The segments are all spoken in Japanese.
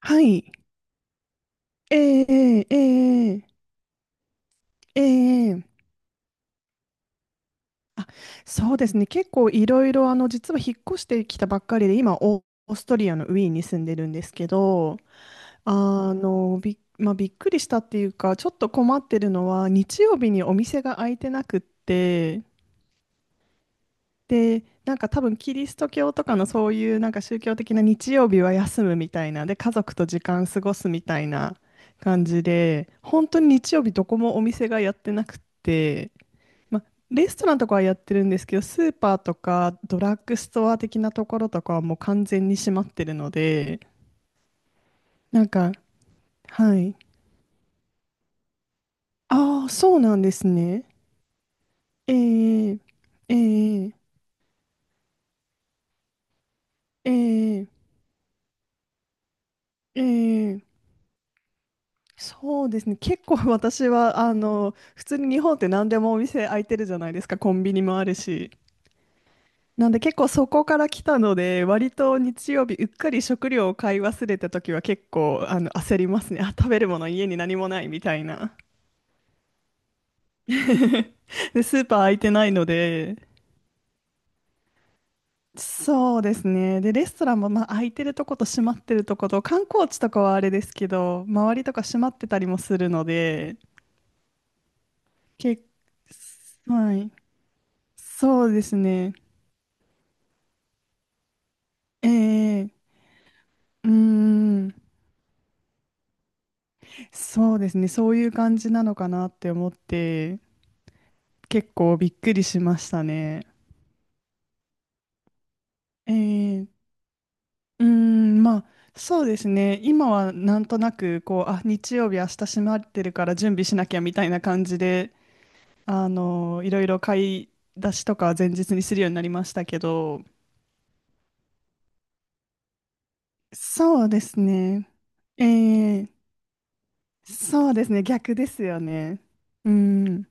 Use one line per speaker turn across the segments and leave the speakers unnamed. はい。ええええええええあ、そうですね。結構いろいろ、実は引っ越してきたばっかりで、今、オーストリアのウィーンに住んでるんですけど、あの、び、まあ、びっくりしたっていうか、ちょっと困ってるのは、日曜日にお店が開いてなくって、で、なんか多分キリスト教とかのそういうなんか宗教的な日曜日は休むみたいな、で、家族と時間過ごすみたいな感じで、本当に日曜日どこもお店がやってなくって、ま、レストランとかはやってるんですけど、スーパーとかドラッグストア的なところとかはもう完全に閉まってるので、なんか、はい。ああ、そうなんですね。ええええええええそうですね。結構私は、普通に日本って何でもお店開いてるじゃないですか。コンビニもあるし。なんで結構そこから来たので、割と日曜日うっかり食料を買い忘れた時は結構焦りますね。あ、食べるもの家に何もないみたいな。で、スーパー空いてないので、そうですね。で、レストランもまあ空いてるとこと閉まってるとこと、観光地とかはあれですけど、周りとか閉まってたりもするので、結はい。そうですね。ええうーん。そうですね、そういう感じなのかなって思って、結構びっくりしましたね。えー、うーん、そうですね、今はなんとなく、こう、あ、日曜日、明日閉まってるから準備しなきゃみたいな感じで、いろいろ買い出しとかは前日にするようになりましたけど、そうですね、えー、そうですね、逆ですよね。うん、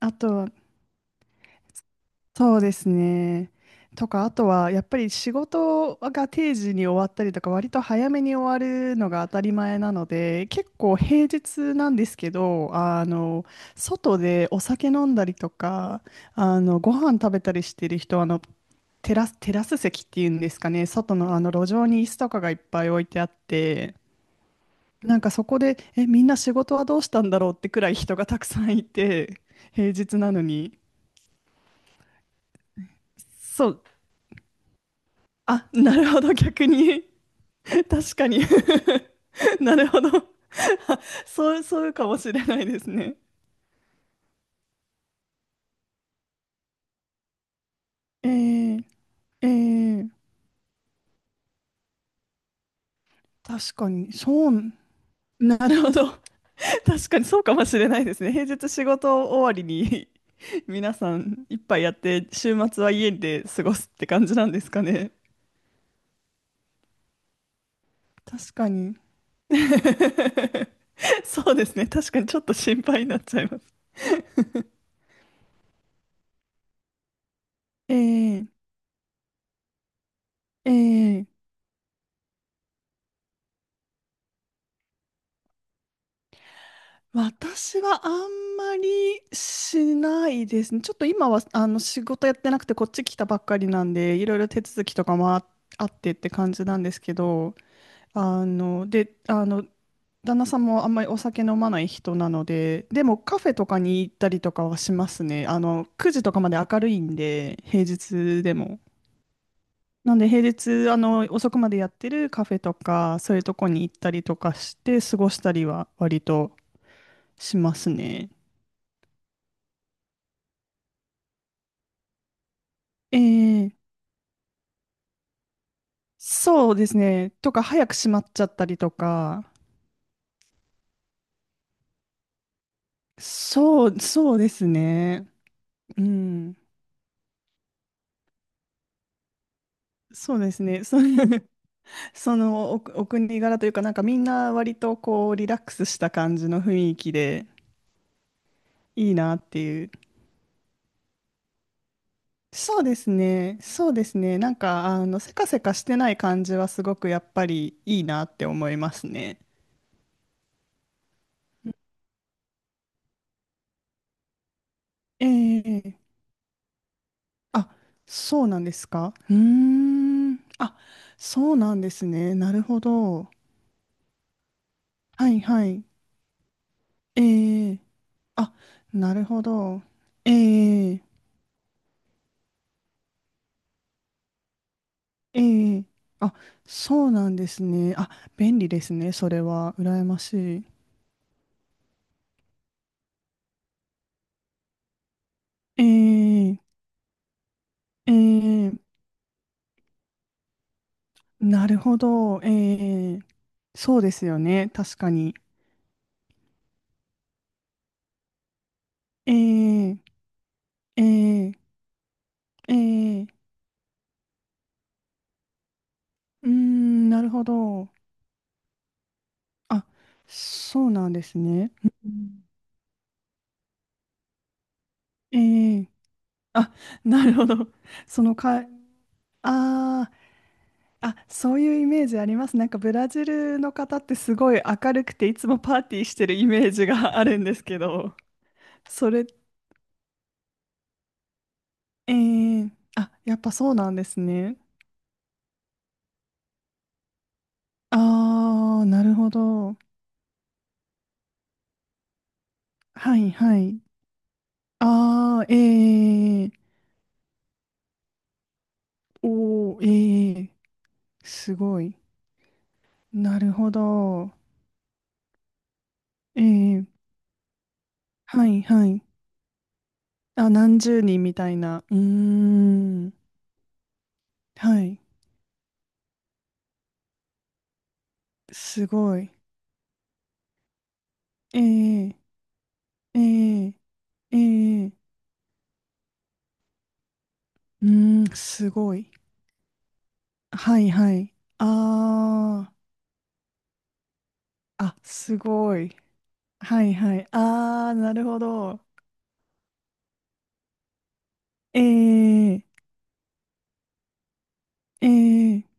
あとはそうですね。とか、あとはやっぱり仕事が定時に終わったりとか、割と早めに終わるのが当たり前なので、結構平日なんですけど、外でお酒飲んだりとか、ご飯食べたりしてる人は、テラス席っていうんですかね、外のあの路上に椅子とかがいっぱい置いてあって、なんかそこで、みんな仕事はどうしたんだろうってくらい人がたくさんいて、平日なのに。そう、あ、なるほど、逆に。確かに なるほど。そう、そうかもしれないですね。えー、えー、確かに、そう、なるほど。確かにそうかもしれないですね。平日仕事終わりに 皆さん一杯やって、週末は家で過ごすって感じなんですかね。確かに。そうですね。確かにちょっと心配になっちゃいます。えー、えー私はあんまりしないですね。ちょっと今は仕事やってなくてこっち来たばっかりなんで、いろいろ手続きとかもあってって感じなんですけど、で、旦那さんもあんまりお酒飲まない人なので、でもカフェとかに行ったりとかはしますね。9時とかまで明るいんで、平日でも。なんで平日、遅くまでやってるカフェとか、そういうとこに行ったりとかして過ごしたりは割としますね。えー、そうですね。とか、早く閉まっちゃったりとか、そう、そうですね。うん。そうですね。そのお、お国柄というか、なんかみんな割とこう、リラックスした感じの雰囲気でいいなっていう。そうですね。そうですね。なんか、せかせかしてない感じはすごくやっぱりいいなって思いますね。ええあ、そうなんですか。うーん。あ、そうなんですね。なるほど。はいはい。ええあ、なるほど。ええええあ、そうなんですね。あ、便利ですね。それは。羨ましい。ええええなるほど。ええそうですよね。確かに。ええええええうーん、なるほど。あ、そうなんですね。うんええあ、なるほど。そのか、あーあ、そういうイメージあります。なんかブラジルの方ってすごい明るくていつもパーティーしてるイメージがあるんですけど、それ、ええあ、やっぱそうなんですね。ああ、なるほど。はいはい。ああ、ええおおー、ええすごい。なるほど。ええはいはい。あ、何十人みたいな。うーん。はい。すごい。ええええええうーん、すごい。はいはい。ああ、あ、すごい。はいはい。ああ、なるほど。ええええ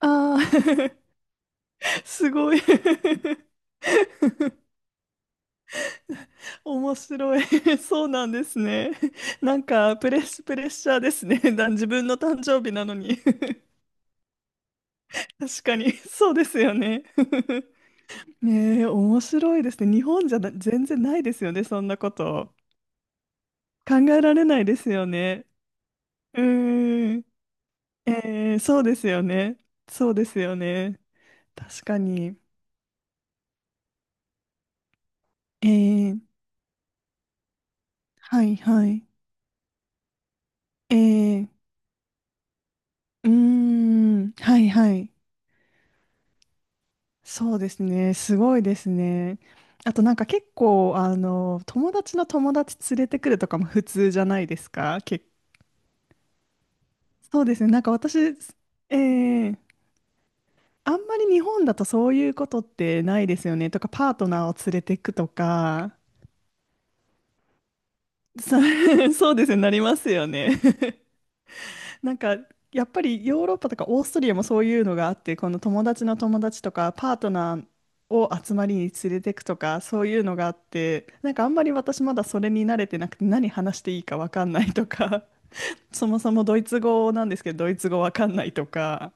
ああー、すごい。面白い。そうなんですね。なんか、プレッシャーですね。だ自分の誕生日なのに。確かに、そうですよね。ねえ、面白いですね。日本じゃな全然ないですよね、そんなこと。考えられないですよね。うーん。えー、そうですよね。そうですよね。確かに。えー、はいはい。えー、うーん、はいはい。そうですね。すごいですね。あとなんか結構、友達の友達連れてくるとかも普通じゃないですか。そうですね。なんか私、えーあんまり日本だとそういうことってないですよね。とか、パートナーを連れてくとか、そ そうですよ、なりますよね。なんか、やっぱりヨーロッパとかオーストリアもそういうのがあって、この友達の友達とか、パートナーを集まりに連れてくとか、そういうのがあって、なんかあんまり私まだそれに慣れてなくて、何話していいかわかんないとか、そもそもドイツ語なんですけど、ドイツ語わかんないとか、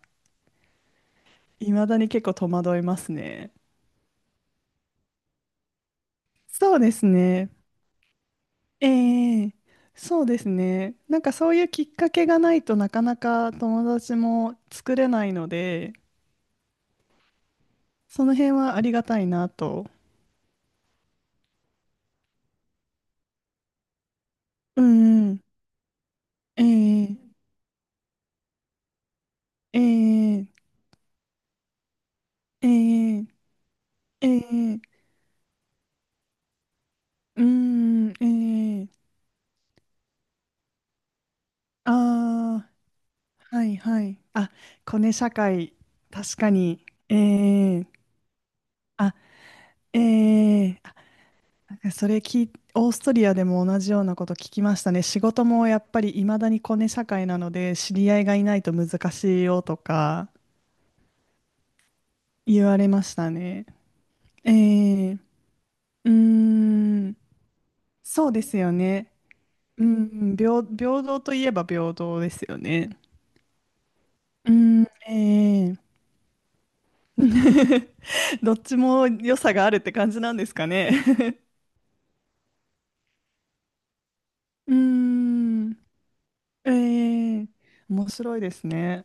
いまだに結構戸惑いますね。そうですね。ええ、そうですね。なんかそういうきっかけがないとなかなか友達も作れないので、その辺はありがたいなと。うんうん。ええ、ええ、ええ、ええ、うん、ええ、ああ、はいはい。あ、コネ社会、確かに。ええ、あ、ええなんかそれ聞い、オーストリアでも同じようなこと聞きましたね。仕事もやっぱり未だにコネ社会なので、知り合いがいないと難しいよとか言われましたね。ええうーん、そうですよね。うん、平、平等といえば平等ですよね。うん、ええ どっちも良さがあるって感じなんですかね。うーん、ええ面白いですね。